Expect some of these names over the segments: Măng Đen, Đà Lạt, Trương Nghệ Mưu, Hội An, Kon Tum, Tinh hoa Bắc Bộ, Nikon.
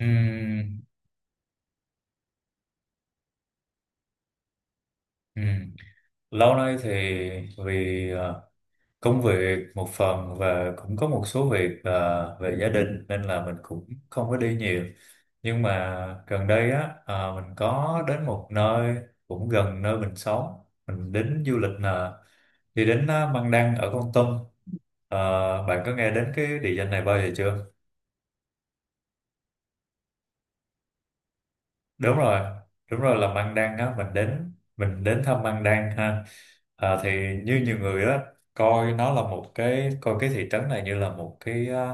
Ừm, ừm. Lâu nay thì vì công việc một phần và cũng có một số việc về gia đình nên là mình cũng không có đi nhiều. Nhưng mà gần đây á mình có đến một nơi cũng gần nơi mình sống. Mình đến du lịch là đi đến Măng Đen ở Kon Tum. Ờ, Bạn có nghe đến cái địa danh này bao giờ chưa? Đúng rồi, đúng rồi là Măng Đen á, mình đến thăm Măng Đen ha. Thì như nhiều người á, coi nó là một cái coi cái thị trấn này như là một cái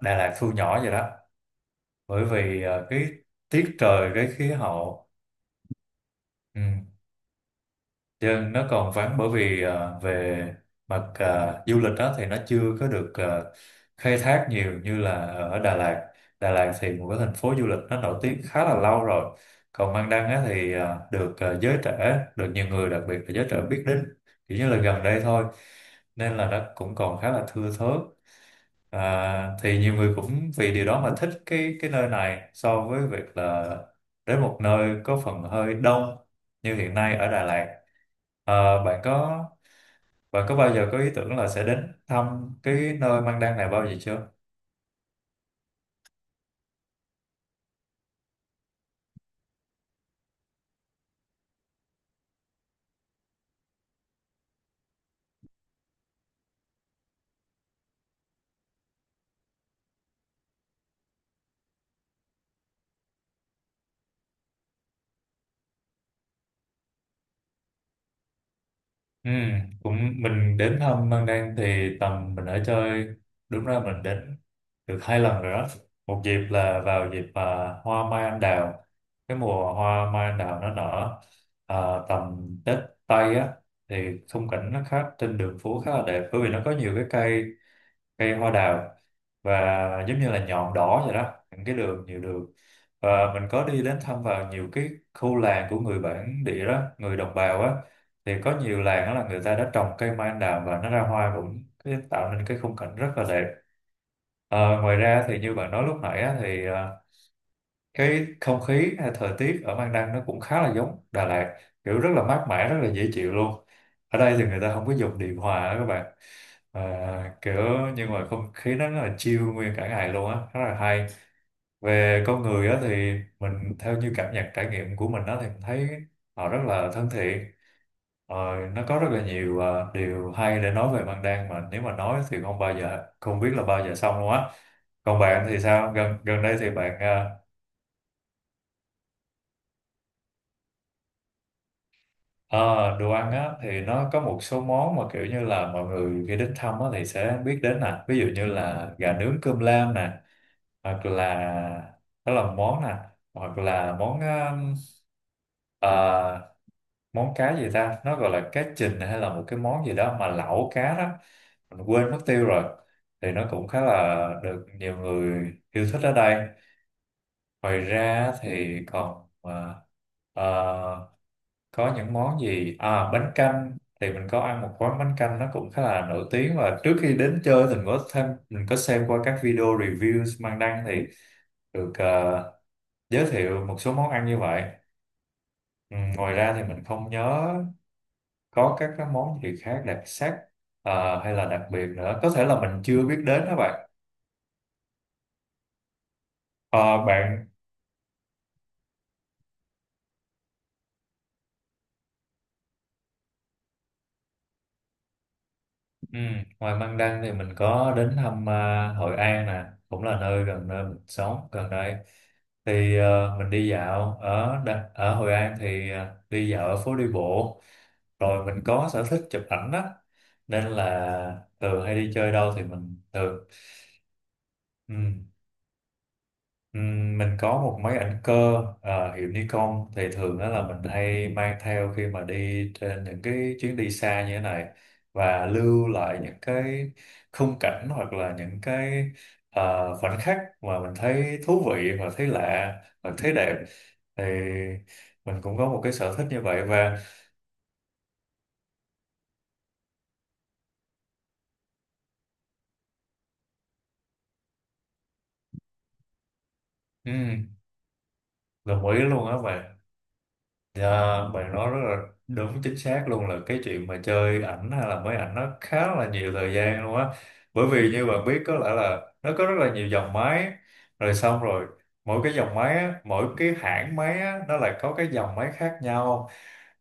Đà Lạt thu nhỏ vậy đó, bởi vì cái tiết trời, cái khí hậu. Chứ nó còn vắng bởi vì về mặt du lịch đó thì nó chưa có được khai thác nhiều như là ở Đà Lạt. Đà Lạt thì một cái thành phố du lịch nó nổi tiếng khá là lâu rồi. Còn Mang Đăng á, thì được giới trẻ, được nhiều người đặc biệt là giới trẻ biết đến, kiểu như là gần đây thôi. Nên là nó cũng còn khá là thưa thớt. Thì nhiều người cũng vì điều đó mà thích cái nơi này so với việc là đến một nơi có phần hơi đông như hiện nay ở Đà Lạt. Ờ, bạn có Bạn có bao giờ có ý tưởng là sẽ đến thăm cái nơi Mang Đan này bao giờ chưa? Ừ, cũng mình đến thăm Mang Đan thì tầm mình ở chơi, đúng ra mình đến được hai lần rồi đó. Một dịp là vào dịp hoa mai anh đào, cái mùa hoa mai anh đào nó nở à, tầm Tết Tây á, thì khung cảnh nó khác, trên đường phố khá là đẹp bởi vì nó có nhiều cái cây, cây hoa đào, và giống như là nhọn đỏ vậy đó, những cái đường nhiều đường, và mình có đi đến thăm vào nhiều cái khu làng của người bản địa đó, người đồng bào á, thì có nhiều làng đó là người ta đã trồng cây mai anh đào và nó ra hoa cũng tạo nên cái khung cảnh rất là đẹp. Ờ, Ngoài ra thì như bạn nói lúc nãy á, thì cái không khí hay thời tiết ở Mang Đăng nó cũng khá là giống Đà Lạt, kiểu rất là mát mẻ, rất là dễ chịu luôn. Ở đây thì người ta không có dùng điều hòa á các bạn, kiểu nhưng mà không khí nó rất là chill nguyên cả ngày luôn á, rất là hay. Về con người á, thì mình theo như cảm nhận, trải nghiệm của mình á, thì mình thấy họ rất là thân thiện. Ờ, nó có rất là nhiều điều hay để nói về Mang Đăng mà nếu mà nói thì không bao giờ, không biết là bao giờ xong luôn á. Còn bạn thì sao, gần gần đây thì bạn Ờ, đồ ăn á thì nó có một số món mà kiểu như là mọi người khi đến thăm á thì sẽ biết đến nè, ví dụ như là gà nướng, cơm lam nè, hoặc là đó là món nè, hoặc là món ờ, món cá gì ta, nó gọi là cá trình hay là một cái món gì đó mà lẩu cá đó, mình quên mất tiêu rồi, thì nó cũng khá là được nhiều người yêu thích ở đây. Ngoài ra thì còn uh, có những món gì à, bánh canh thì mình có ăn một quán bánh canh nó cũng khá là nổi tiếng, và trước khi đến chơi thì mình có thêm mình có xem qua các video reviews mang đăng, thì được giới thiệu một số món ăn như vậy. Ừ, ngoài ra thì mình không nhớ có các cái món gì khác đặc sắc hay là đặc biệt nữa, có thể là mình chưa biết đến đó bạn. Ờ, bạn Ừ. Ngoài Măng Đăng thì mình có đến thăm Hội An nè, cũng là nơi gần nơi mình sống gần đây. Thì mình đi dạo ở ở Hội An thì đi dạo ở phố đi bộ. Rồi mình có sở thích chụp ảnh á, nên là thường hay đi chơi đâu thì mình thường ừ. Mình có một máy ảnh cơ hiệu Nikon, thì thường đó là mình hay mang theo khi mà đi trên những cái chuyến đi xa như thế này, và lưu lại những cái khung cảnh, hoặc là những cái à, khoảnh khắc mà mình thấy thú vị và thấy lạ và thấy đẹp, thì mình cũng có một cái sở thích như vậy và ừm, đồng ý luôn á. Và dạ, bạn nói rất là đúng, chính xác luôn, là cái chuyện mà chơi ảnh hay là máy ảnh nó khá là nhiều thời gian luôn á, bởi vì như bạn biết có lẽ là nó có rất là nhiều dòng máy, rồi xong rồi mỗi cái dòng máy á, mỗi cái hãng máy á, nó lại có cái dòng máy khác nhau,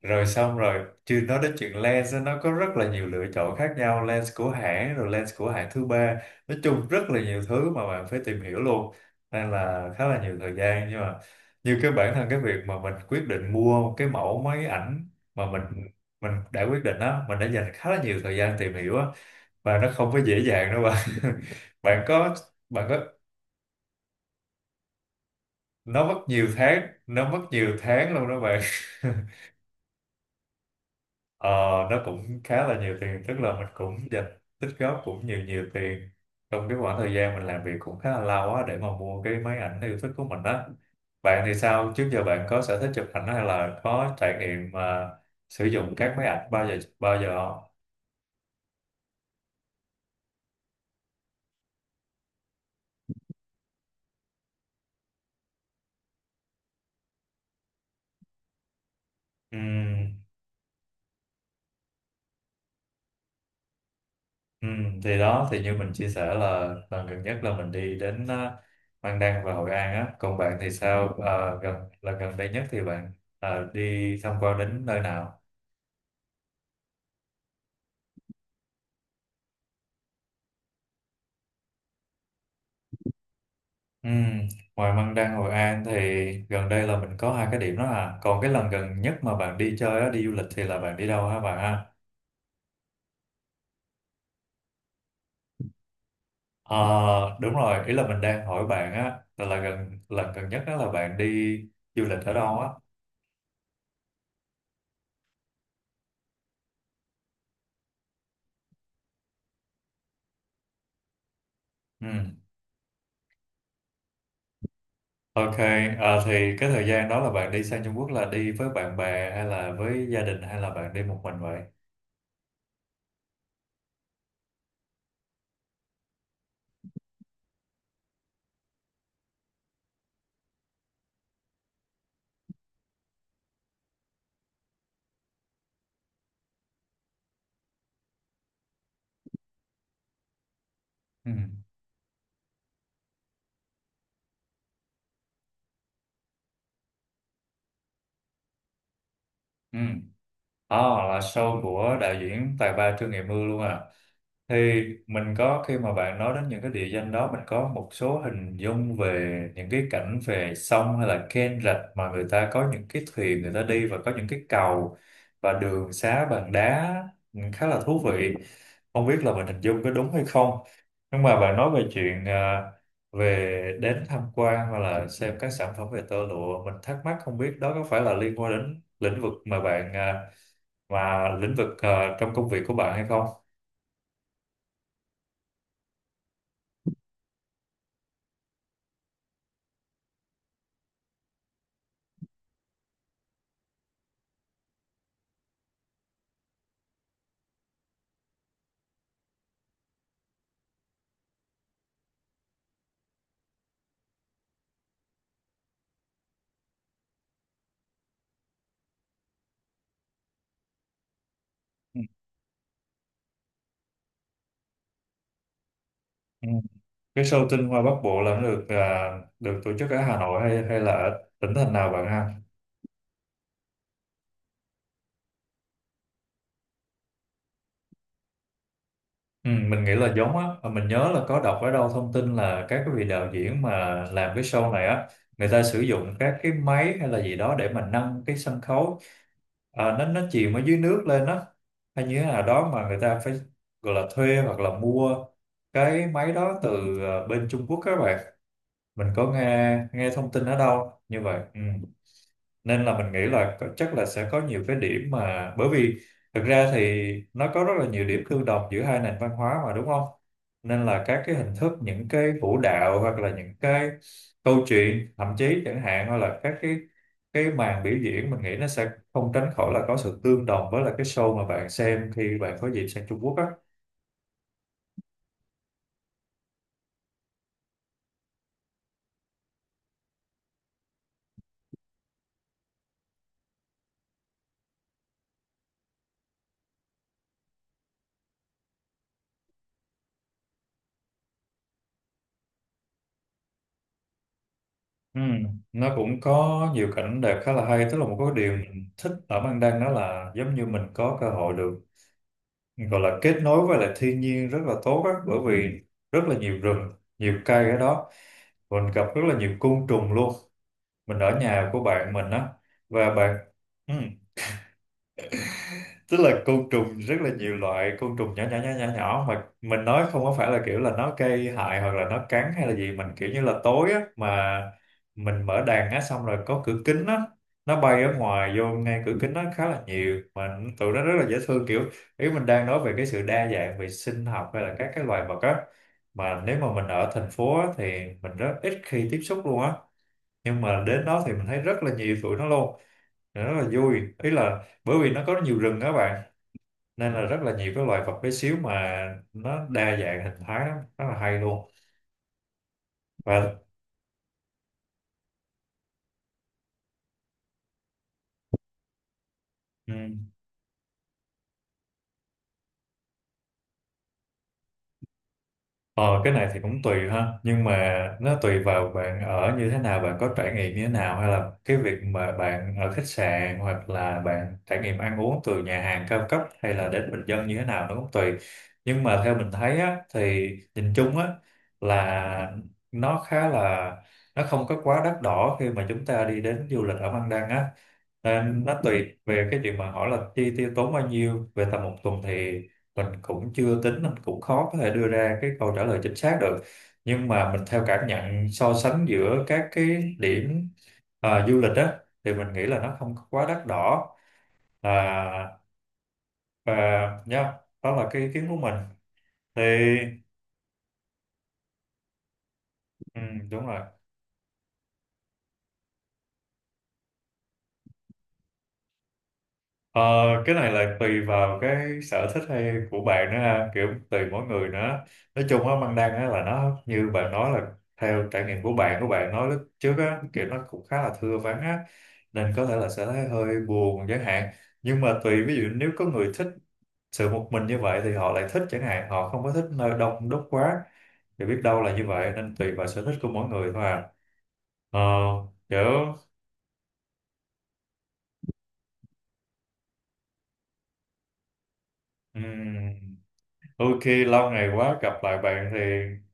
rồi xong rồi chưa nói đến chuyện lens á, nó có rất là nhiều lựa chọn khác nhau, lens của hãng rồi lens của hãng thứ ba, nói chung rất là nhiều thứ mà bạn phải tìm hiểu luôn, nên là khá là nhiều thời gian. Nhưng mà như cái bản thân cái việc mà mình quyết định mua cái mẫu máy ảnh mà mình đã quyết định á, mình đã dành khá là nhiều thời gian tìm hiểu á, và nó không có dễ dàng đâu bạn. bạn có bạn có Nó mất nhiều tháng, nó mất nhiều tháng luôn đó bạn. Ờ, nó cũng khá là nhiều tiền, tức là mình cũng dành tích góp cũng nhiều nhiều tiền trong cái khoảng thời gian mình làm việc cũng khá là lâu á, để mà mua cái máy ảnh yêu thích của mình á. Bạn thì sao, trước giờ bạn có sở thích chụp ảnh hay là có trải nghiệm mà sử dụng các máy ảnh bao giờ không? Ừm, thì đó thì như mình chia sẻ là lần gần nhất là mình đi đến Mang Đăng và Hội An á, còn bạn thì sao? Ờ, là gần đây nhất thì bạn đi tham quan đến nơi nào? Ừ. Ngoài Măng Đen, Hội An thì gần đây là mình có hai cái điểm đó à. Còn cái lần gần nhất mà bạn đi chơi á, đi du lịch thì là bạn đi đâu hả bạn ha? Ờ, Đúng rồi, ý là mình đang hỏi bạn á, là lần gần nhất đó là bạn đi du lịch ở đâu á? Ừ. Ok, thì cái thời gian đó là bạn đi sang Trung Quốc là đi với bạn bè hay là với gia đình hay là bạn đi một mình vậy? Ừ. Ừ. Đó là show của đạo diễn tài ba Trương Nghệ Mưu luôn à. Thì mình có, khi mà bạn nói đến những cái địa danh đó, mình có một số hình dung về những cái cảnh về sông hay là kênh rạch mà người ta có những cái thuyền người ta đi, và có những cái cầu và đường xá bằng đá, ừ, khá là thú vị. Không biết là mình hình dung có đúng hay không. Nhưng mà bạn nói về chuyện về đến tham quan hoặc là xem các sản phẩm về tơ lụa, mình thắc mắc không biết đó có phải là liên quan đến lĩnh vực mà mà lĩnh vực trong công việc của bạn hay không? Ừ. Cái show tinh hoa Bắc Bộ là nó được tổ chức ở Hà Nội, hay hay là ở tỉnh thành nào bạn ha? Ừ, mình nghĩ là giống á, mà mình nhớ là có đọc ở đâu thông tin là các cái vị đạo diễn mà làm cái show này á, người ta sử dụng các cái máy hay là gì đó để mà nâng cái sân khấu, nó chìm ở dưới nước lên á, hay như thế nào đó mà người ta phải gọi là thuê hoặc là mua cái máy đó từ bên Trung Quốc các bạn. Mình có nghe nghe thông tin ở đâu như vậy. Ừ. Nên là mình nghĩ là có, chắc là sẽ có nhiều cái điểm. Mà bởi vì thực ra thì nó có rất là nhiều điểm tương đồng giữa hai nền văn hóa mà đúng không, nên là các cái hình thức, những cái vũ đạo, hoặc là những cái câu chuyện thậm chí chẳng hạn, hoặc là các cái màn biểu diễn, mình nghĩ nó sẽ không tránh khỏi là có sự tương đồng với là cái show mà bạn xem khi bạn có dịp sang Trung Quốc á. Ừ, nó cũng có nhiều cảnh đẹp khá là hay, tức là một cái điều mình thích ở Mang Đăng đó là giống như mình có cơ hội được gọi là kết nối với lại thiên nhiên rất là tốt á, bởi vì rất là nhiều rừng, nhiều cây ở đó. Mình gặp rất là nhiều côn trùng luôn, mình ở nhà của bạn mình á, và bạn, ừ, tức là côn trùng, rất là nhiều loại côn trùng nhỏ nhỏ nhỏ nhỏ nhỏ, mà mình nói không có phải là kiểu là nó gây hại hoặc là nó cắn hay là gì. Mình kiểu như là tối á, mà mình mở đàn á, xong rồi có cửa kính á, nó bay ở ngoài vô ngay cửa kính, nó khá là nhiều, mà tụi nó rất là dễ thương, kiểu ý mình đang nói về cái sự đa dạng về sinh học hay là các cái loài vật á. Mà nếu mà mình ở thành phố á, thì mình rất ít khi tiếp xúc luôn á, nhưng mà đến đó thì mình thấy rất là nhiều tụi nó luôn, rất là vui. Ý là bởi vì nó có nhiều rừng á bạn, nên là rất là nhiều cái loài vật bé xíu, mà nó đa dạng hình thái lắm, rất là hay luôn. Và ừ. Ờ, cái này thì cũng tùy ha, nhưng mà nó tùy vào bạn ở như thế nào, bạn có trải nghiệm như thế nào, hay là cái việc mà bạn ở khách sạn hoặc là bạn trải nghiệm ăn uống từ nhà hàng cao cấp hay là đến bình dân như thế nào, nó cũng tùy. Nhưng mà theo mình thấy á, thì nhìn chung á, là nó khá là, nó không có quá đắt đỏ khi mà chúng ta đi đến du lịch ở Văn Đăng á. Nên nó tùy về cái chuyện mà hỏi là chi tiêu tốn bao nhiêu về tầm một tuần, thì mình cũng chưa tính, mình cũng khó có thể đưa ra cái câu trả lời chính xác được. Nhưng mà mình theo cảm nhận so sánh giữa các cái điểm du lịch á, thì mình nghĩ là nó không có quá đắt đỏ, à, và nhá, đó là cái ý kiến của mình thì. Ừ, đúng rồi. Ờ, cái này là tùy vào cái sở thích hay của bạn nữa ha, kiểu tùy mỗi người nữa. Nói chung á, băng đăng á là nó như bạn nói là theo trải nghiệm của bạn nói lúc trước á, kiểu nó cũng khá là thưa vắng á, nên có thể là sẽ thấy hơi buồn chẳng hạn. Nhưng mà tùy, ví dụ nếu có người thích sự một mình như vậy thì họ lại thích chẳng hạn, họ không có thích nơi đông đúc quá, thì biết đâu là như vậy, nên tùy vào sở thích của mỗi người thôi à. Ờ, kiểu, ừm, ok, lâu ngày quá gặp lại bạn thì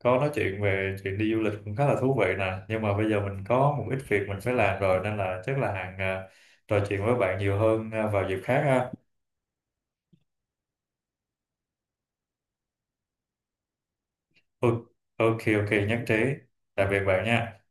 có nói chuyện về chuyện đi du lịch cũng khá là thú vị nè. Nhưng mà bây giờ mình có một ít việc mình phải làm rồi, nên là chắc là hàng trò chuyện với bạn nhiều hơn vào dịp khác ha. Ừ, ok, ok, nhất trí. Tạm biệt bạn nha.